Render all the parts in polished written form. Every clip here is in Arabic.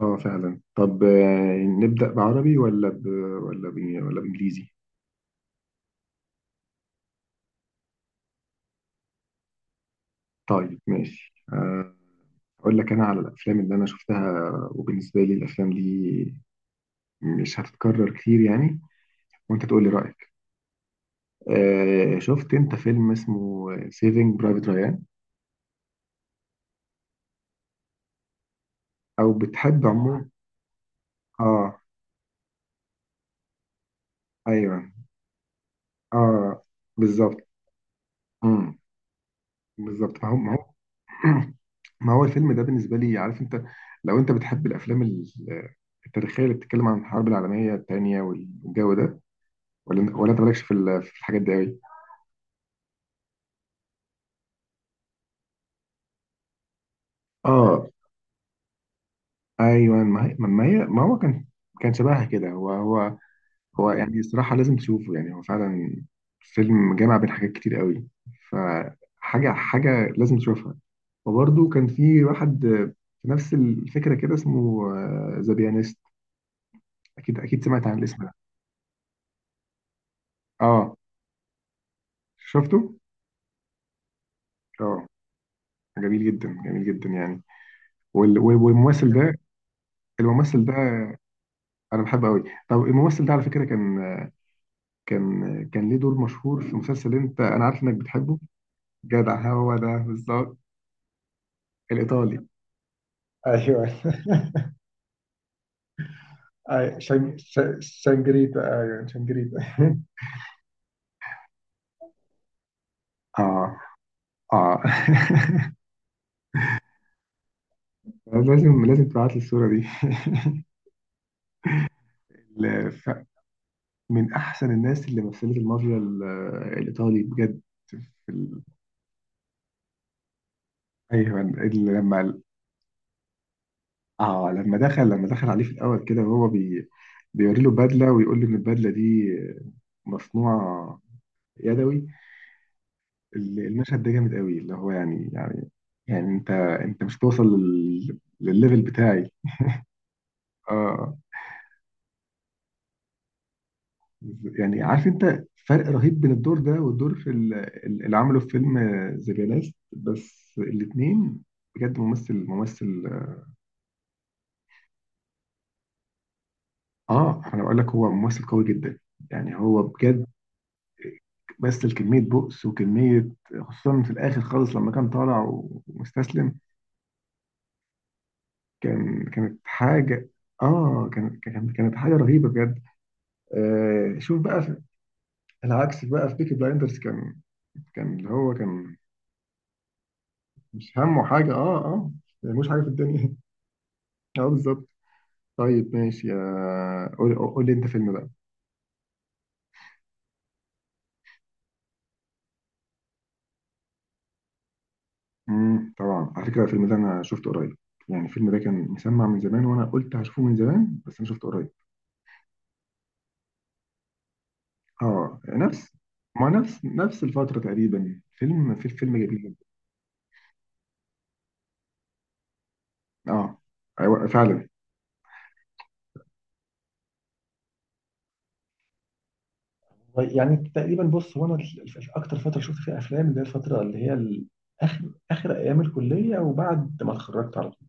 اه فعلا. طب نبدأ بعربي ولا ب... ولا بإنجليزي. طيب ماشي، أقول لك أنا على الأفلام اللي أنا شفتها. وبالنسبة لي الأفلام دي مش هتتكرر كتير يعني، وأنت تقول لي رأيك. شفت أنت فيلم اسمه سيفينج برايفت ريان؟ أو بتحب عموما؟ آه. أيوه. آه. بالظبط. مم، بالظبط. فهم هم. ما هو الفيلم ده بالنسبة لي عارف انت، لو انت بتحب الافلام التاريخية اللي بتتكلم عن الحرب العالمية التانية والجو ده، ولا انت مالكش في في الحاجات دي قوي. اه. ايوه، ما هي ما هو كان، كان شبهها كده هو. هو يعني الصراحة لازم تشوفه، يعني هو فعلا فيلم جامع بين حاجات كتير قوي. فحاجة لازم تشوفها. وبرده كان في واحد، في نفس الفكرة كده، اسمه ذا بيانيست. اكيد سمعت عن الاسم ده. اه، شفته. اه، جميل جدا، جميل جدا يعني. والممثل ده، الممثل ده انا بحبه قوي. طب الممثل ده على فكره كان، كان ليه دور مشهور في مسلسل انت انا عارف انك بتحبه. جدع، هو ده بالظبط. الايطالي، ايوه. شنجريتا ايوه شنجريتا. اه، اه. لازم تبعت لي الصوره دي. ال- ف- من احسن الناس اللي مثلت المافيا الايطالي بجد. في ال... ايوه، لما، اه لما دخل، لما دخل عليه في الاول كده وهو بي، بيوري له بدله ويقول له ان البدله دي مصنوعه يدوي. المشهد ده جامد قوي، اللي هو يعني، يعني، يعني انت، انت مش توصل لل... للليفل بتاعي. اه. يعني عارف انت فرق رهيب بين الدور ده والدور في اللي عمله في فيلم ذا بيانست، بس الاثنين بجد ممثل ممثل. اه انا بقول لك هو ممثل قوي جدا، يعني هو بجد. بس الكمية بؤس وكمية، خصوصا في الآخر خالص لما كان طالع ومستسلم. كانت حاجة، آه كانت، كانت حاجة رهيبة بجد. آه، شوف بقى في العكس بقى، في بيكي بلايندرز كان، اللي هو كان، مش همه حاجة. آه، مش حاجة في الدنيا. آه بالظبط. طيب ماشي، يا قول قول لي أنت فيلم بقى. طبعا على فكرة الفيلم ده أنا شفته قريب. يعني الفيلم ده كان مسمع من زمان وأنا قلت هشوفه من زمان، بس أنا شفته قريب. اه. نفس، ما نفس نفس الفترة تقريبا. فيلم، في الفيلم جميل جدا. اه. ايوه فعلا. والله يعني تقريبا، بص هو انا اكتر فتره شفت فيها افلام، اللي هي الفتره اللي هي اخر، اخر ايام الكليه وبعد ما اتخرجت على طول.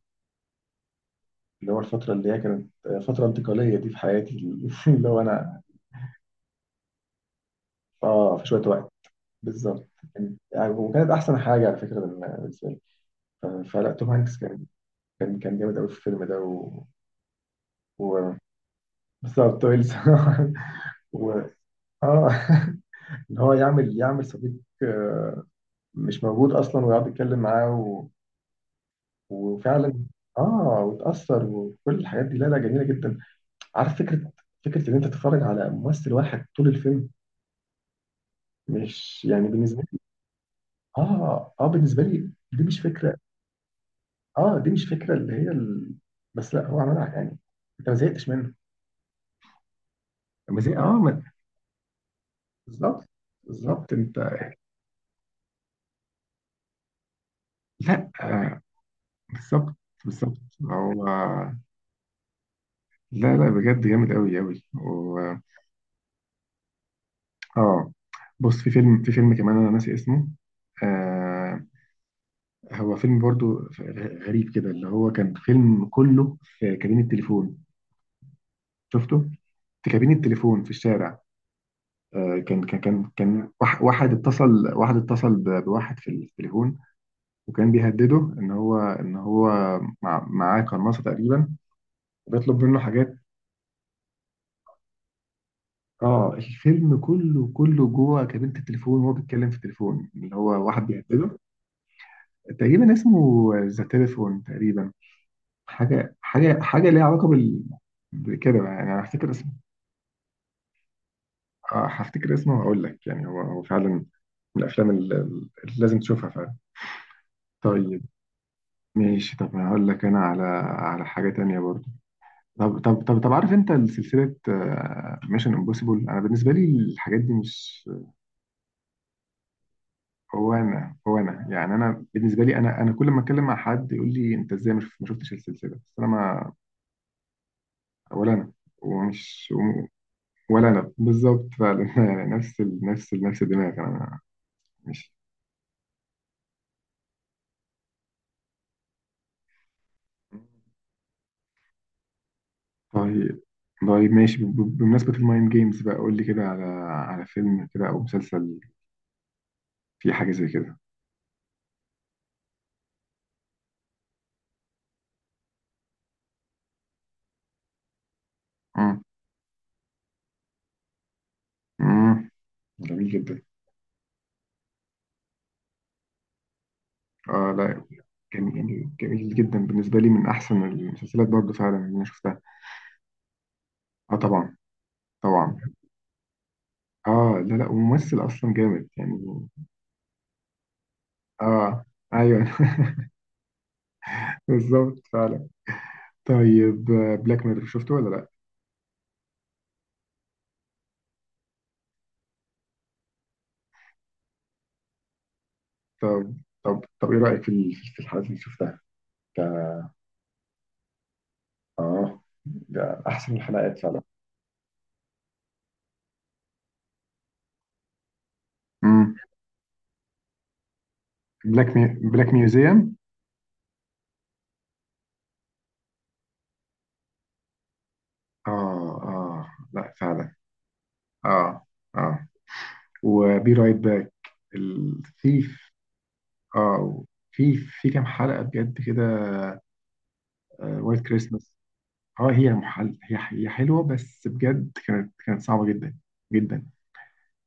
اللي هو الفتره اللي هي كانت فتره انتقاليه دي في حياتي. اللي هو انا، اه في شويه وقت. بالظبط، كان- يعني، وكانت احسن حاجه على فكره بالنسبه لي. ف- فلا توم هانكس كان، كان جامد قوي في الفيلم ده و... و... بالظبط، ويلز. اه. ان هو يعمل، يعمل صديق، آه، مش موجود اصلا، ويقعد يتكلم معاه و... وفعلا، اه. وتاثر وكل الحاجات دي، لا لا جميله جدا. عارف فكره، فكره ان انت تتفرج على ممثل واحد طول الفيلم، مش يعني بالنسبه لي. اه بالنسبه لي دي مش فكره. اه دي مش فكره اللي هي ال... بس لا هو عملها يعني. انت ما زهقتش منه. ما زهق، اه ما... بالظبط. بالظبط انت. لا، آه، بالظبط. بالظبط هو، لا لا بجد جامد قوي قوي و... اه بص، في فيلم، في فيلم كمان انا ناسي اسمه. آه، هو فيلم برضو غريب كده، اللي هو كان فيلم كله في كابين التليفون، شفته؟ في كابين التليفون في الشارع. آه، كان واحد اتصل، واحد اتصل بواحد في التليفون، وكان بيهدده ان هو، ان هو معاه قناصة تقريبا، وبيطلب منه حاجات. اه، الفيلم كله، كله جوه كابينة التليفون، وهو بيتكلم في التليفون اللي هو واحد بيهدده. تقريبا اسمه ذا تليفون تقريبا. حاجه ليها علاقه بال، بكده بقى. يعني انا هفتكر اسمه. اه هفتكر اسمه وهقول لك، يعني هو هو فعلا من الافلام اللي لازم تشوفها فعلا. طيب ماشي، طب هقول لك انا على، على حاجه تانية برضه. طب عارف انت سلسله ميشن امبوسيبل؟ انا بالنسبه لي الحاجات دي مش، هو انا يعني انا بالنسبه لي، انا كل ما اتكلم مع حد يقول لي انت ازاي ما شفتش السلسله. بس انا ما، ولا انا، ومش، ولا انا بالظبط فعلا. يعني نفس ال... نفس ال... نفس الدماغ انا، مش. طيب، طيب ماشي، بمناسبة المايند جيمز بقى قول لي كده على، على فيلم كده او مسلسل فيه حاجة زي كده. مم. مم. جميل جدا. اه لا، جميل، جميل جدا بالنسبة لي، من احسن المسلسلات برضه فعلا اللي انا شفتها. اه طبعا، طبعا. اه لا لا، وممثل اصلا جامد يعني. اه ايوه. بالظبط فعلا. طيب، بلاك ميرور شفته ولا لا؟ طب، طب ايه رأيك في في الحلقات اللي شفتها؟ ك- اه، ده احسن الحلقات فعلا. امم، بلاك مي... بلاك ميوزيوم. اه لا فعلا. اه. اه. وبي رايت باك الثيف. اه، في، في كام حلقة بجد كده. وايت كريسماس. اه White Christmas. آه، هي محل، هي حلوة، بس بجد كانت، كانت صعبة جدا جدا.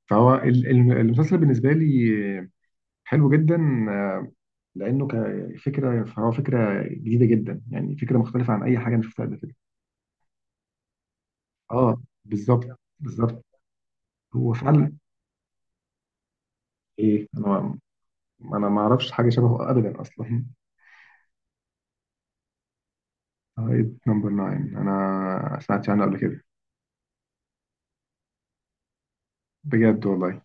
فهو المسلسل بالنسبة لي حلو جدا، آه، لانه كفكره، فهو فكره جديده جدا، يعني فكره مختلفه عن اي حاجه انا شفتها قبل كده. اه بالظبط، بالظبط. هو فعلا. ايه انا، انا ما اعرفش حاجه شبهه ابدا اصلا. هايد نمبر 9 انا سمعت عنه قبل كده. بجد والله.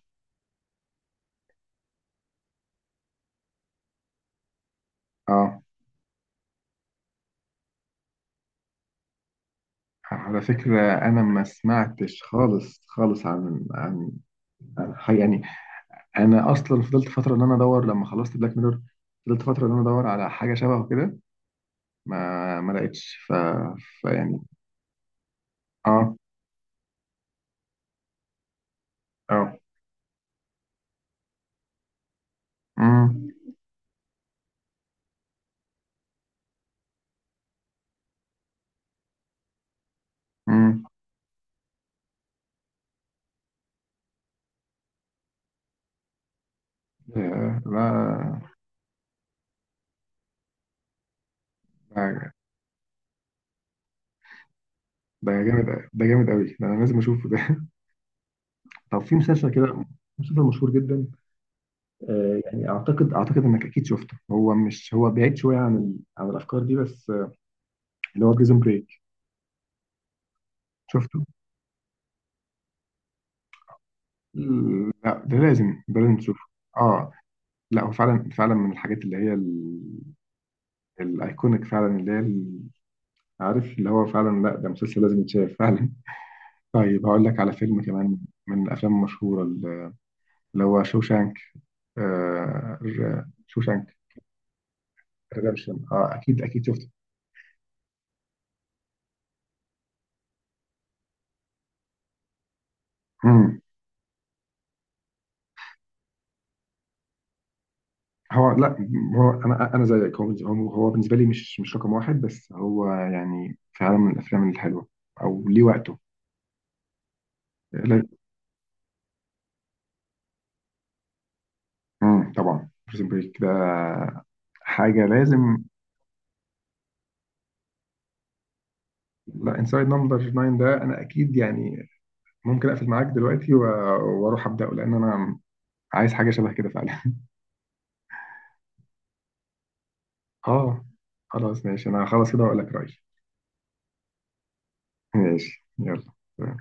اه على فكرة أنا ما سمعتش خالص خالص عن، عن حاجة يعني. أنا أصلا فضلت فترة إن أنا أدور لما خلصت بلاك ميرور، فضلت فترة إن أنا أدور على حاجة شبهه كده، ما لقيتش ف... فيعني. آه آه امم امم. ياه، لا. ده، ده جامد ده جامد قوي، ده انا لازم اشوفه ده. طب في مسلسل كده، مسلسل مشهور جدا، آه، يعني اعتقد انك اكيد شفته. هو مش، هو بعيد شويه عن ال... عن الافكار دي، بس آه، اللي هو بريزون بريك. شفته؟ لا ده لازم، تشوفه. اه لا هو فعلا، فعلا من الحاجات اللي هي ال... الايكونيك فعلا، اللي هي ال... عارف اللي هو فعلا، لا ده مسلسل لازم يتشاف فعلا. طيب هقول لك على فيلم كمان من الافلام المشهوره، اللي هو شوشانك. آه شوشانك ريدمشن. اه اكيد شفته. مم. هو لا، هو انا زيك، هو بالنسبه لي مش، مش رقم واحد، بس هو يعني فعلا من الافلام الحلوه او ليه وقته. لا. مم. طبعا بريزن بريك ده حاجه لازم. لا انسايد نمبر 9 ده انا اكيد يعني ممكن اقفل معاك دلوقتي واروح ابداه، لان انا عايز حاجه شبه كده فعلا. اه، خلاص ماشي، انا خلاص كده هقول لك رايي. ماشي يلا.